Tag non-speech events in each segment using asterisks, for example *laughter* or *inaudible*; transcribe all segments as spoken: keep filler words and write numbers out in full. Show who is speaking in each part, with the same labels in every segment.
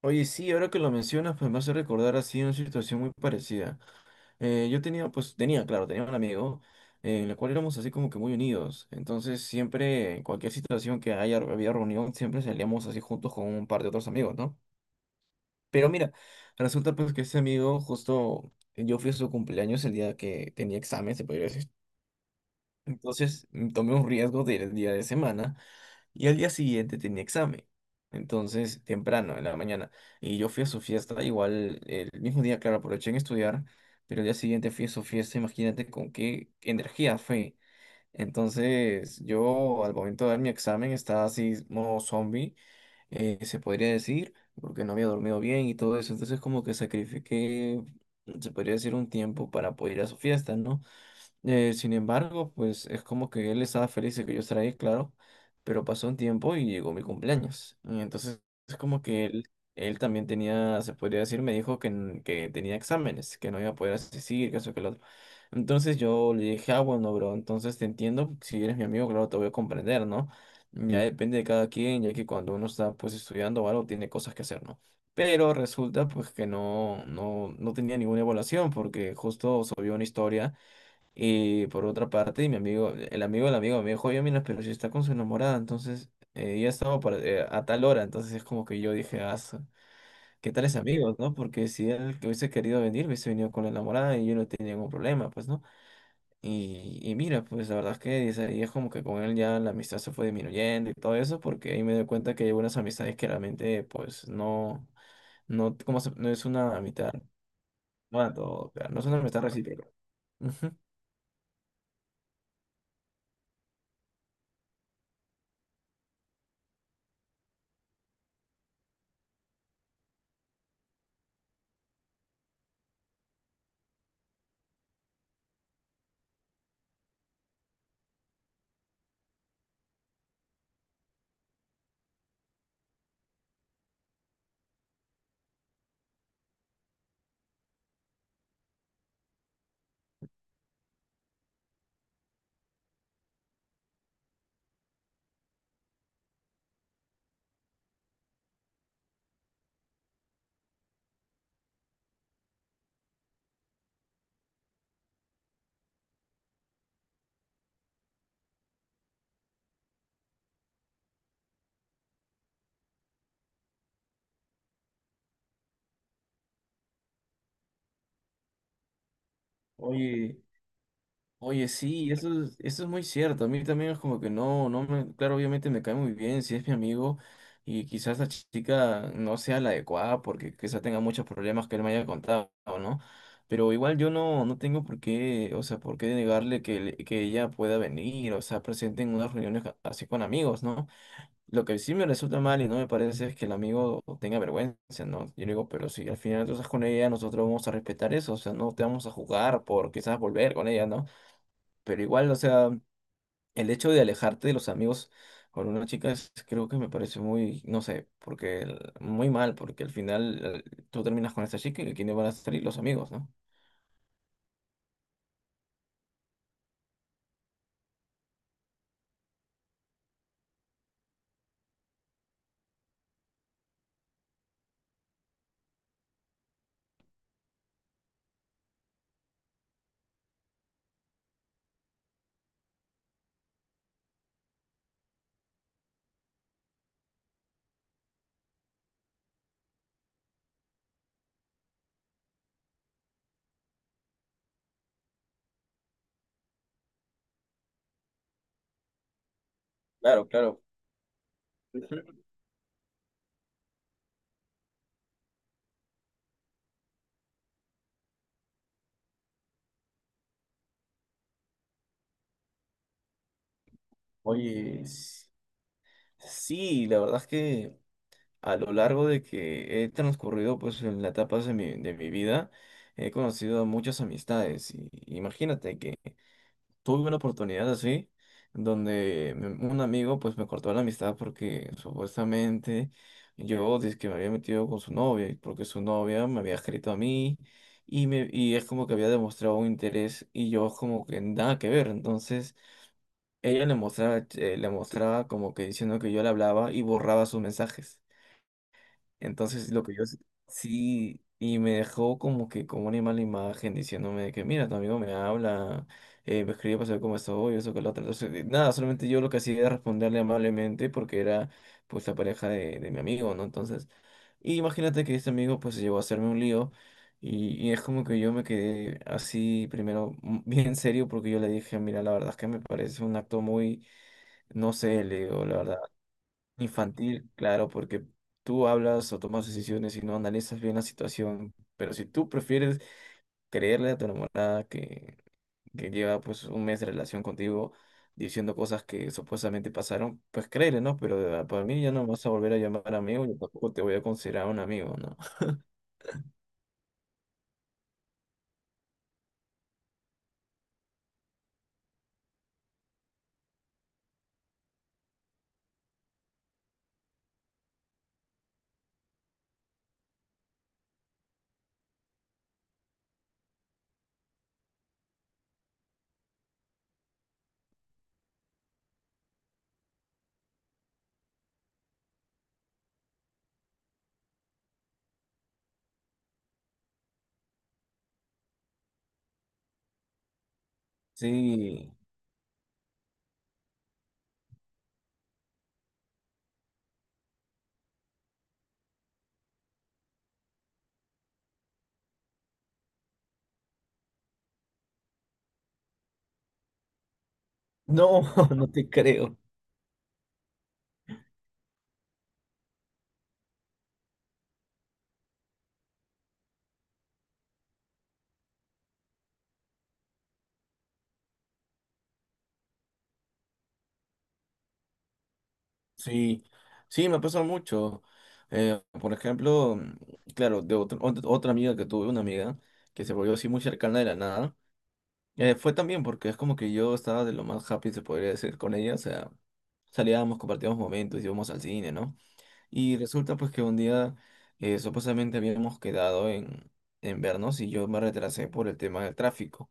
Speaker 1: Oye, sí, ahora que lo mencionas, pues me hace recordar así una situación muy parecida. Eh, yo tenía, pues tenía, claro, tenía un amigo eh, en el cual éramos así como que muy unidos. Entonces siempre, en cualquier situación que haya, había reunión, siempre salíamos así juntos con un par de otros amigos, ¿no? Pero mira, resulta pues que ese amigo, justo yo fui a su cumpleaños el día que tenía examen, se podría decir. Entonces mm, tomé un riesgo de ir el día de semana y al día siguiente tenía examen. Entonces, temprano, en la mañana. Y yo fui a su fiesta, igual el mismo día, claro, aproveché en estudiar, pero el día siguiente fui a su fiesta, imagínate con qué energía fue. Entonces, yo al momento de dar mi examen estaba así, modo zombie, eh, se podría decir, porque no había dormido bien y todo eso. Entonces, como que sacrifiqué, se podría decir, un tiempo para poder ir a su fiesta, ¿no? Eh, sin embargo, pues es como que él estaba feliz de que yo estará ahí, claro, pero pasó un tiempo y llegó mi cumpleaños. Y entonces es como que él, él también tenía, se podría decir, me dijo que, n- que tenía exámenes, que no iba a poder asistir, que eso, que lo otro. Entonces yo le dije, ah, bueno, bro, entonces te entiendo, si eres mi amigo, claro, te voy a comprender, ¿no? Ya depende de cada quien, ya que cuando uno está pues estudiando o algo, tiene cosas que hacer, ¿no? Pero resulta pues que no, no, no tenía ninguna evaluación porque justo subió una historia. Y por otra parte, mi amigo, el amigo del amigo me dijo, oye, mira, pero si está con su enamorada, entonces eh, ya estaba para- eh, a tal hora, entonces es como que yo dije, ah, su- ¿qué tales amigos, no? Porque si él que hubiese querido venir, hubiese venido con la enamorada y yo no tenía ningún problema, pues, ¿no? Y, y mira, pues la verdad es que dice, y es como que con él ya la amistad se fue disminuyendo y todo eso, porque ahí me doy cuenta que hay unas amistades que realmente, pues, no, no, cómo se- no es una amistad, bueno, todo, claro, no es una amistad recíproca. Ujú. Oye. Oye, sí, eso es, eso es muy cierto. A mí también es como que no, no me, claro, obviamente me cae muy bien si es mi amigo y quizás la chica no sea la adecuada porque quizás tenga muchos problemas que él me haya contado, ¿no? Pero igual yo no, no tengo por qué, o sea, por qué negarle que, le- que ella pueda venir, o sea, presente en unas reuniones ca- así con amigos, ¿no? Lo que sí me resulta mal y no me parece es que el amigo tenga vergüenza, ¿no? Yo le digo, pero si al final tú estás con ella, nosotros vamos a respetar eso, o sea, no te vamos a jugar por quizás volver con ella, ¿no? Pero igual, o sea, el hecho de alejarte de los amigos con una chica es- creo que me parece muy, no sé, porque el- muy mal, porque al final eh, tú terminas con esta chica y quiénes van a salir los amigos, ¿no? Claro, claro. Ujú. Oye, s- sí, la verdad es que a lo largo de que he transcurrido pues en las etapas de mi, de mi vida, he conocido muchas amistades. Y imagínate, tuve una oportunidad así, donde me- un amigo pues me cortó la amistad porque supuestamente yo que me había metido con su novia, y porque su novia me había escrito a mí y, me, y es como que había demostrado un interés y yo como que nada que ver. Entonces ella le mostraba, eh, le mostraba como que diciendo que yo le hablaba y borraba sus mensajes. Entonces lo que yo s- sí, y me dejó como que como una mala imagen diciéndome de que mira, tu amigo me habla, eh, me escribe para saber cómo estoy, eso que lo otro. Entonces, eh, nada, solamente yo lo que hacía era responderle amablemente porque era pues la pareja de, de mi amigo, ¿no? Entonces, y imagínate que este amigo pues llegó a hacerme un lío y, y es como que yo me quedé así primero *laughs* mm, bien serio porque yo le dije, mira, la verdad es que me parece un acto muy, no sé, le digo, la verdad. Infantil, claro, porque tú hablas o tomas decisiones y no analizas bien la situación, pero si tú prefieres creerle a tu enamorada que, que lleva pues un mes de relación contigo diciendo cosas que supuestamente pasaron, pues créele, ¿no? Pero de- para mí ya no me vas a volver a llamar amigo y tampoco te voy a considerar un amigo, ¿no? *laughs* Sí, no, *laughs* no te creo. Sí, sí, me pasa mucho. Eh, por ejemplo, mm, claro, de otra ot- otra amiga que tuve, una amiga que se volvió así muy cercana de la nada, eh, fue también porque es como que yo estaba de lo más happy, se podría decir, con ella, o sea, salíamos, compartíamos momentos, íbamos al cine, ¿no? Y resulta pues que un día eh, supuestamente habíamos quedado en, en vernos y yo me retrasé por el tema del tráfico.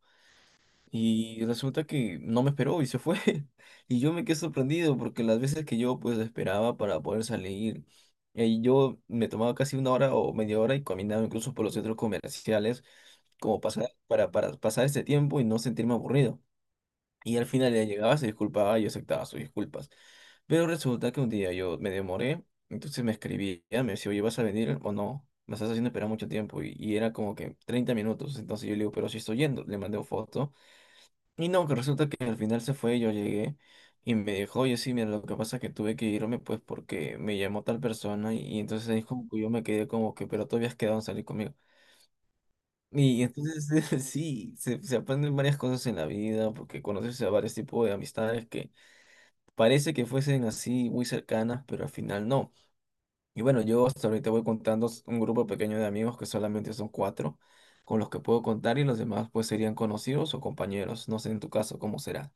Speaker 1: Y resulta que no me esperó y se fue. *laughs* Y yo me quedé sorprendido porque las veces que yo pues esperaba para poder salir, eh, yo me tomaba casi una hora o media hora y caminaba incluso por los centros comerciales como pasar, para, para pasar este tiempo y no sentirme aburrido. Y al final ella llegaba, se disculpaba y yo aceptaba sus disculpas. Pero resulta que un día yo me demoré, entonces me escribía, me decía, oye, ¿vas a venir o no? Me estás haciendo esperar mucho tiempo. Y, y era como que treinta minutos. Entonces yo le digo, pero si estoy yendo, le mandé una foto. Y no, que resulta que al final se fue, yo llegué y me dijo, oye, sí, mira, lo que pasa es que tuve que irme pues porque me llamó tal persona y, y entonces ahí como que yo me quedé como que, pero tú habías quedado en salir conmigo. Y entonces *laughs* sí, se, se aprenden varias cosas en la vida porque conoces a varios tipos de amistades que parece que fuesen así muy cercanas, pero al final no. Y bueno, yo hasta ahorita voy contando s- un grupo pequeño de amigos que solamente son cuatro con los que puedo contar y los demás pues serían conocidos o compañeros. No sé en tu caso cómo será.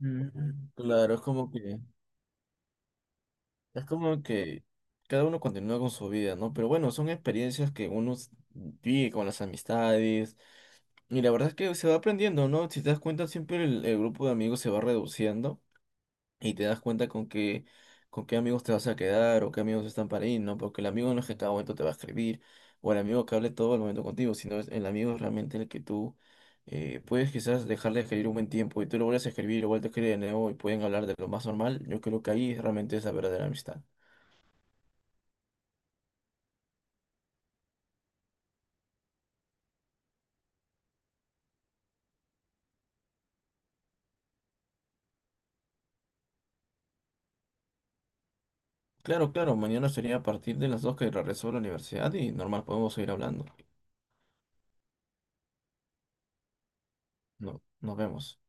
Speaker 1: Mm, claro, es como que, es como que cada uno continúa con su vida, ¿no? Pero bueno, son experiencias que uno s- vive con las amistades. Y la verdad es que se va aprendiendo, ¿no? Si te das cuenta, siempre el, el grupo de amigos se va reduciendo y te das cuenta con qué, con qué amigos te vas a quedar o qué amigos están para ir, ¿no? Porque el amigo no es que a cada momento te va a escribir o el amigo que hable todo el momento contigo, sino es el amigo es realmente el que tú eh, puedes quizás dejarle de escribir un buen tiempo y tú lo vuelves a escribir o vuelves a escribir de nuevo y pueden hablar de lo más normal. Yo creo que ahí realmente es la verdadera amistad. Claro, claro, mañana sería a partir de las dos que regreso a la universidad y normal podemos seguir hablando. No, nos vemos.